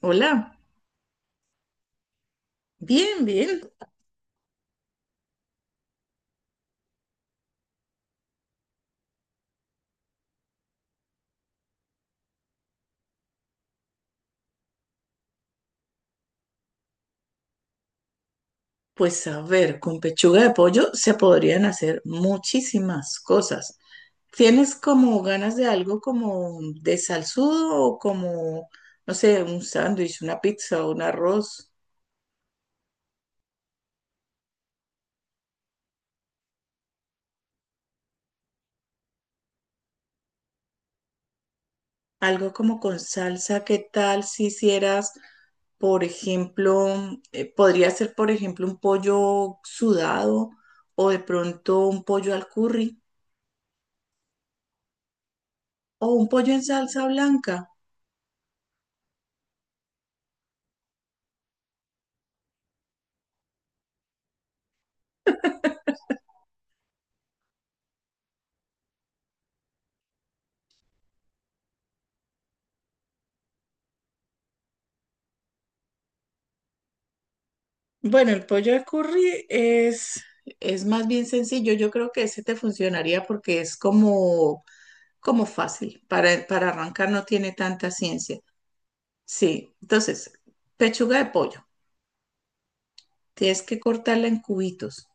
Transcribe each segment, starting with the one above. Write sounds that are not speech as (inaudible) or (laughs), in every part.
Hola, bien, bien. Pues a ver, con pechuga de pollo se podrían hacer muchísimas cosas. ¿Tienes como ganas de algo como de salsudo o como, no sé, un sándwich, una pizza, o un arroz? Algo como con salsa, ¿qué tal si hicieras, por ejemplo, podría ser, por ejemplo, un pollo sudado o de pronto un pollo al curry o un pollo en salsa blanca? Bueno, el pollo de curry es más bien sencillo. Yo creo que ese te funcionaría porque es como, como fácil. Para arrancar no tiene tanta ciencia. Sí, entonces, pechuga de pollo. Tienes que cortarla en cubitos.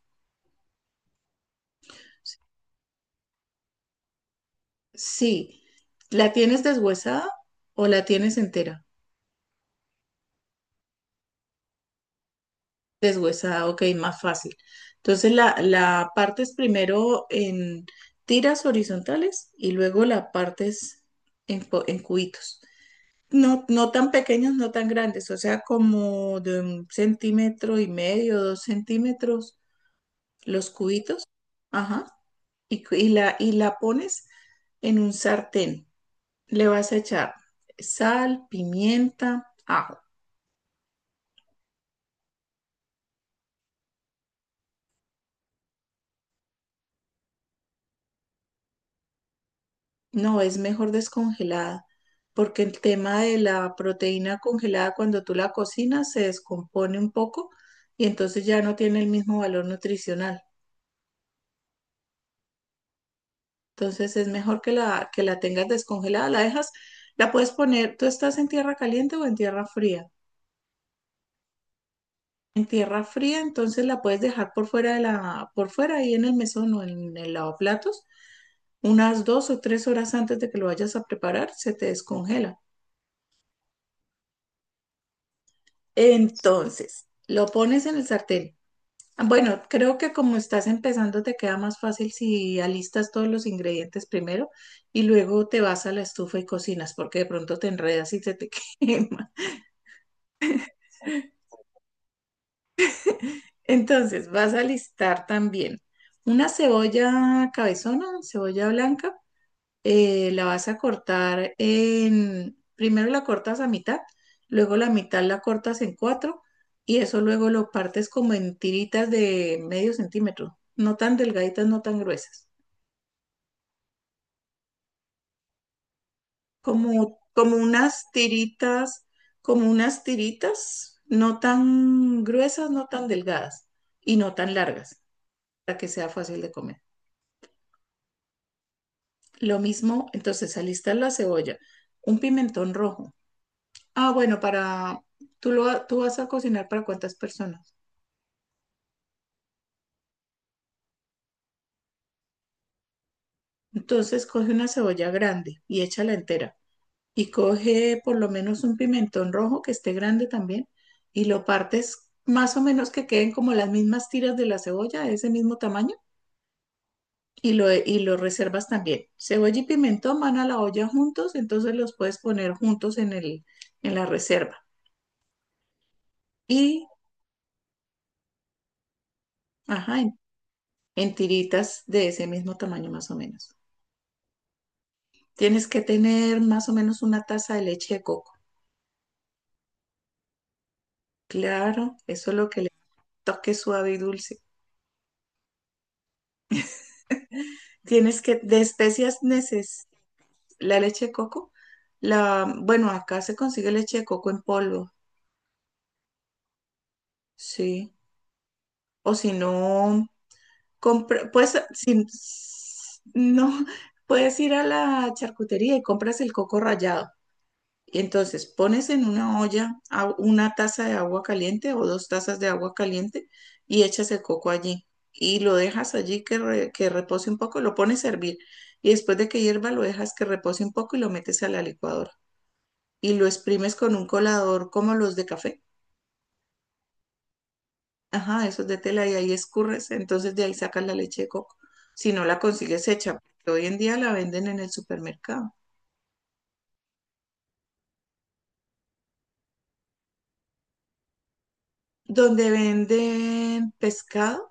Sí, ¿la tienes deshuesada o la tienes entera? Deshuesada, ok, más fácil. Entonces la partes primero en tiras horizontales y luego la partes en cubitos. No, no tan pequeños, no tan grandes, o sea, como de un centímetro y medio, 2 centímetros, los cubitos, ajá, y la pones en un sartén. Le vas a echar sal, pimienta, ajo. No, es mejor descongelada, porque el tema de la proteína congelada cuando tú la cocinas se descompone un poco y entonces ya no tiene el mismo valor nutricional. Entonces es mejor que la tengas descongelada, la dejas, la puedes poner, tú estás en tierra caliente o en tierra fría. En tierra fría, entonces la puedes dejar por fuera ahí en el mesón o en el lavaplatos, unas 2 o 3 horas antes de que lo vayas a preparar, se te descongela. Entonces, lo pones en el sartén. Bueno, creo que como estás empezando te queda más fácil si alistas todos los ingredientes primero y luego te vas a la estufa y cocinas, porque de pronto te enredas y se te (laughs) quema. Entonces, vas a listar también una cebolla cabezona, cebolla blanca. La vas a cortar en, primero la cortas a mitad, luego la mitad la cortas en cuatro y eso luego lo partes como en tiritas de medio centímetro, no tan delgaditas, no tan gruesas, como, como unas tiritas, no tan gruesas, no tan delgadas y no tan largas, para que sea fácil de comer. Lo mismo, entonces alista la cebolla, un pimentón rojo. Ah, bueno, para tú vas a cocinar para cuántas personas. Entonces coge una cebolla grande y échala entera y coge por lo menos un pimentón rojo que esté grande también y lo partes más o menos que queden como las mismas tiras de la cebolla de ese mismo tamaño y lo reservas también. Cebolla y pimentón van a la olla juntos, entonces los puedes poner juntos en la reserva. Y ajá, en tiritas de ese mismo tamaño más o menos. Tienes que tener más o menos una taza de leche de coco. Claro, eso es lo que le toque suave y dulce. Tienes que, de especias neces, la leche de coco, la, bueno, acá se consigue leche de coco en polvo, sí. O si no, compra, pues, si no, puedes ir a la charcutería y compras el coco rallado. Entonces, pones en una olla a- una taza de agua caliente o 2 tazas de agua caliente y echas el coco allí y lo dejas allí que repose un poco, lo pones a hervir y después de que hierva lo dejas que repose un poco y lo metes a la licuadora y lo exprimes con un colador como los de café. Ajá, esos de tela y ahí escurres, entonces de ahí sacas la leche de coco. Si no la consigues hecha, porque hoy en día la venden en el supermercado. Donde venden pescado,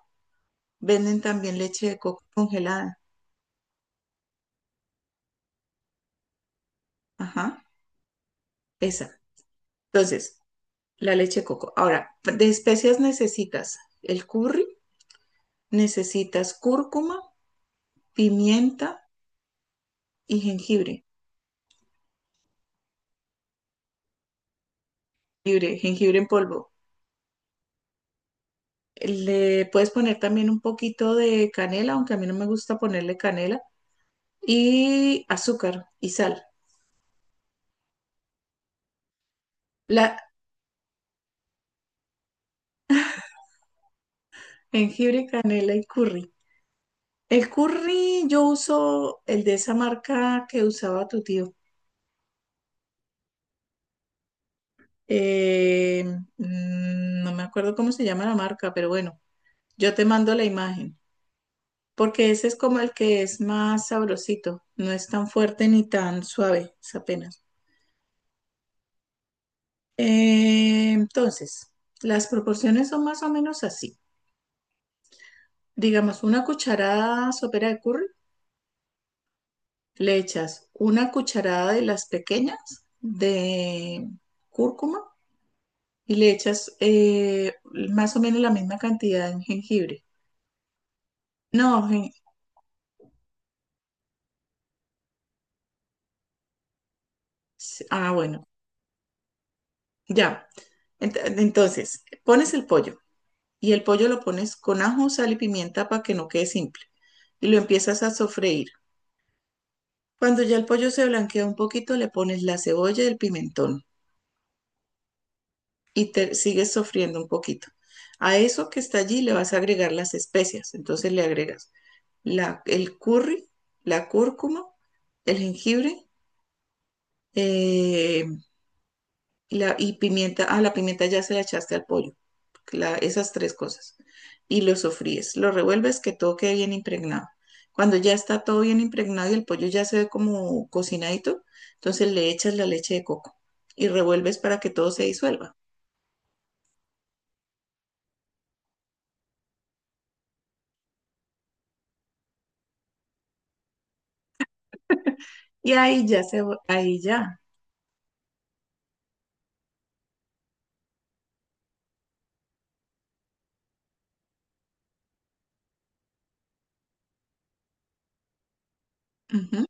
venden también leche de coco congelada. Ajá, esa. Entonces, la leche de coco. Ahora, de especias necesitas el curry, necesitas cúrcuma, pimienta y jengibre. Jengibre, jengibre en polvo. Le puedes poner también un poquito de canela, aunque a mí no me gusta ponerle canela, y azúcar y sal. La jengibre, canela y curry. El curry yo uso el de esa marca que usaba tu tío. Eh, no me acuerdo cómo se llama la marca, pero bueno, yo te mando la imagen, porque ese es como el que es más sabrosito, no es tan fuerte ni tan suave, es apenas. Entonces, las proporciones son más o menos así. Digamos, una cucharada sopera de curry, le echas una cucharada de las pequeñas de cúrcuma y le echas más o menos la misma cantidad de jengibre. No, gen- ah, bueno, ya. Entonces, pones el pollo, y el pollo lo pones con ajo, sal y pimienta para que no quede simple y lo empiezas a sofreír. Cuando ya el pollo se blanquea un poquito, le pones la cebolla y el pimentón y te sigues sofriendo un poquito. A eso que está allí le vas a agregar las especias. Entonces le agregas el curry, la cúrcuma, el jengibre eh, y pimienta. Ah, la pimienta ya se la echaste al pollo. Esas tres cosas y lo sofríes. Lo revuelves que todo quede bien impregnado. Cuando ya está todo bien impregnado y el pollo ya se ve como cocinadito, entonces le echas la leche de coco y revuelves para que todo se disuelva. Y ahí ya. Ujú.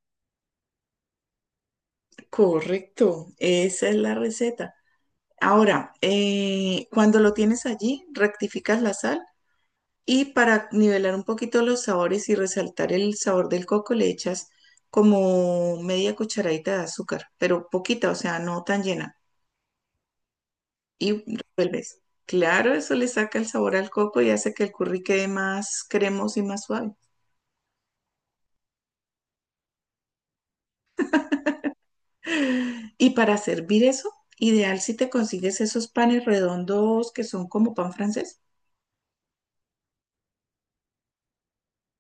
Correcto, esa es la receta. Ahora, cuando lo tienes allí, rectificas la sal, y para nivelar un poquito los sabores y resaltar el sabor del coco, le echas como media cucharadita de azúcar, pero poquita, o sea, no tan llena. Y revuelves. Claro, eso le saca el sabor al coco y hace que el curry quede más cremoso y más suave. Y para servir eso, ideal si te consigues esos panes redondos que son como pan francés.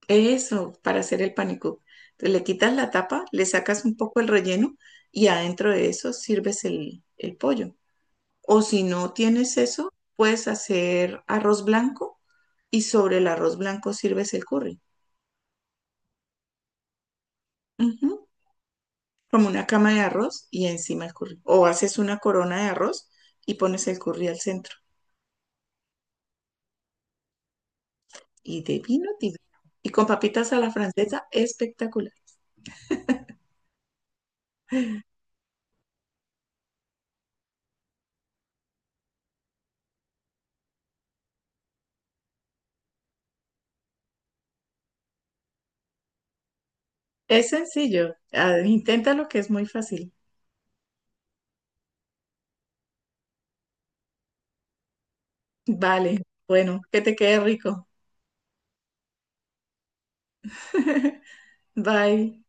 Eso, para hacer el panicú. Te le quitas la tapa, le sacas un poco el relleno y adentro de eso sirves el pollo. O si no tienes eso, puedes hacer arroz blanco y sobre el arroz blanco sirves el curry. Ujú, como una cama de arroz y encima el curry. O haces una corona de arroz y pones el curry al centro. Y de vino, divino. Y con papitas a la francesa, espectacular. Es sencillo. Ah, inténtalo que es muy fácil. Vale. Bueno, que te quede rico. (laughs) Bye.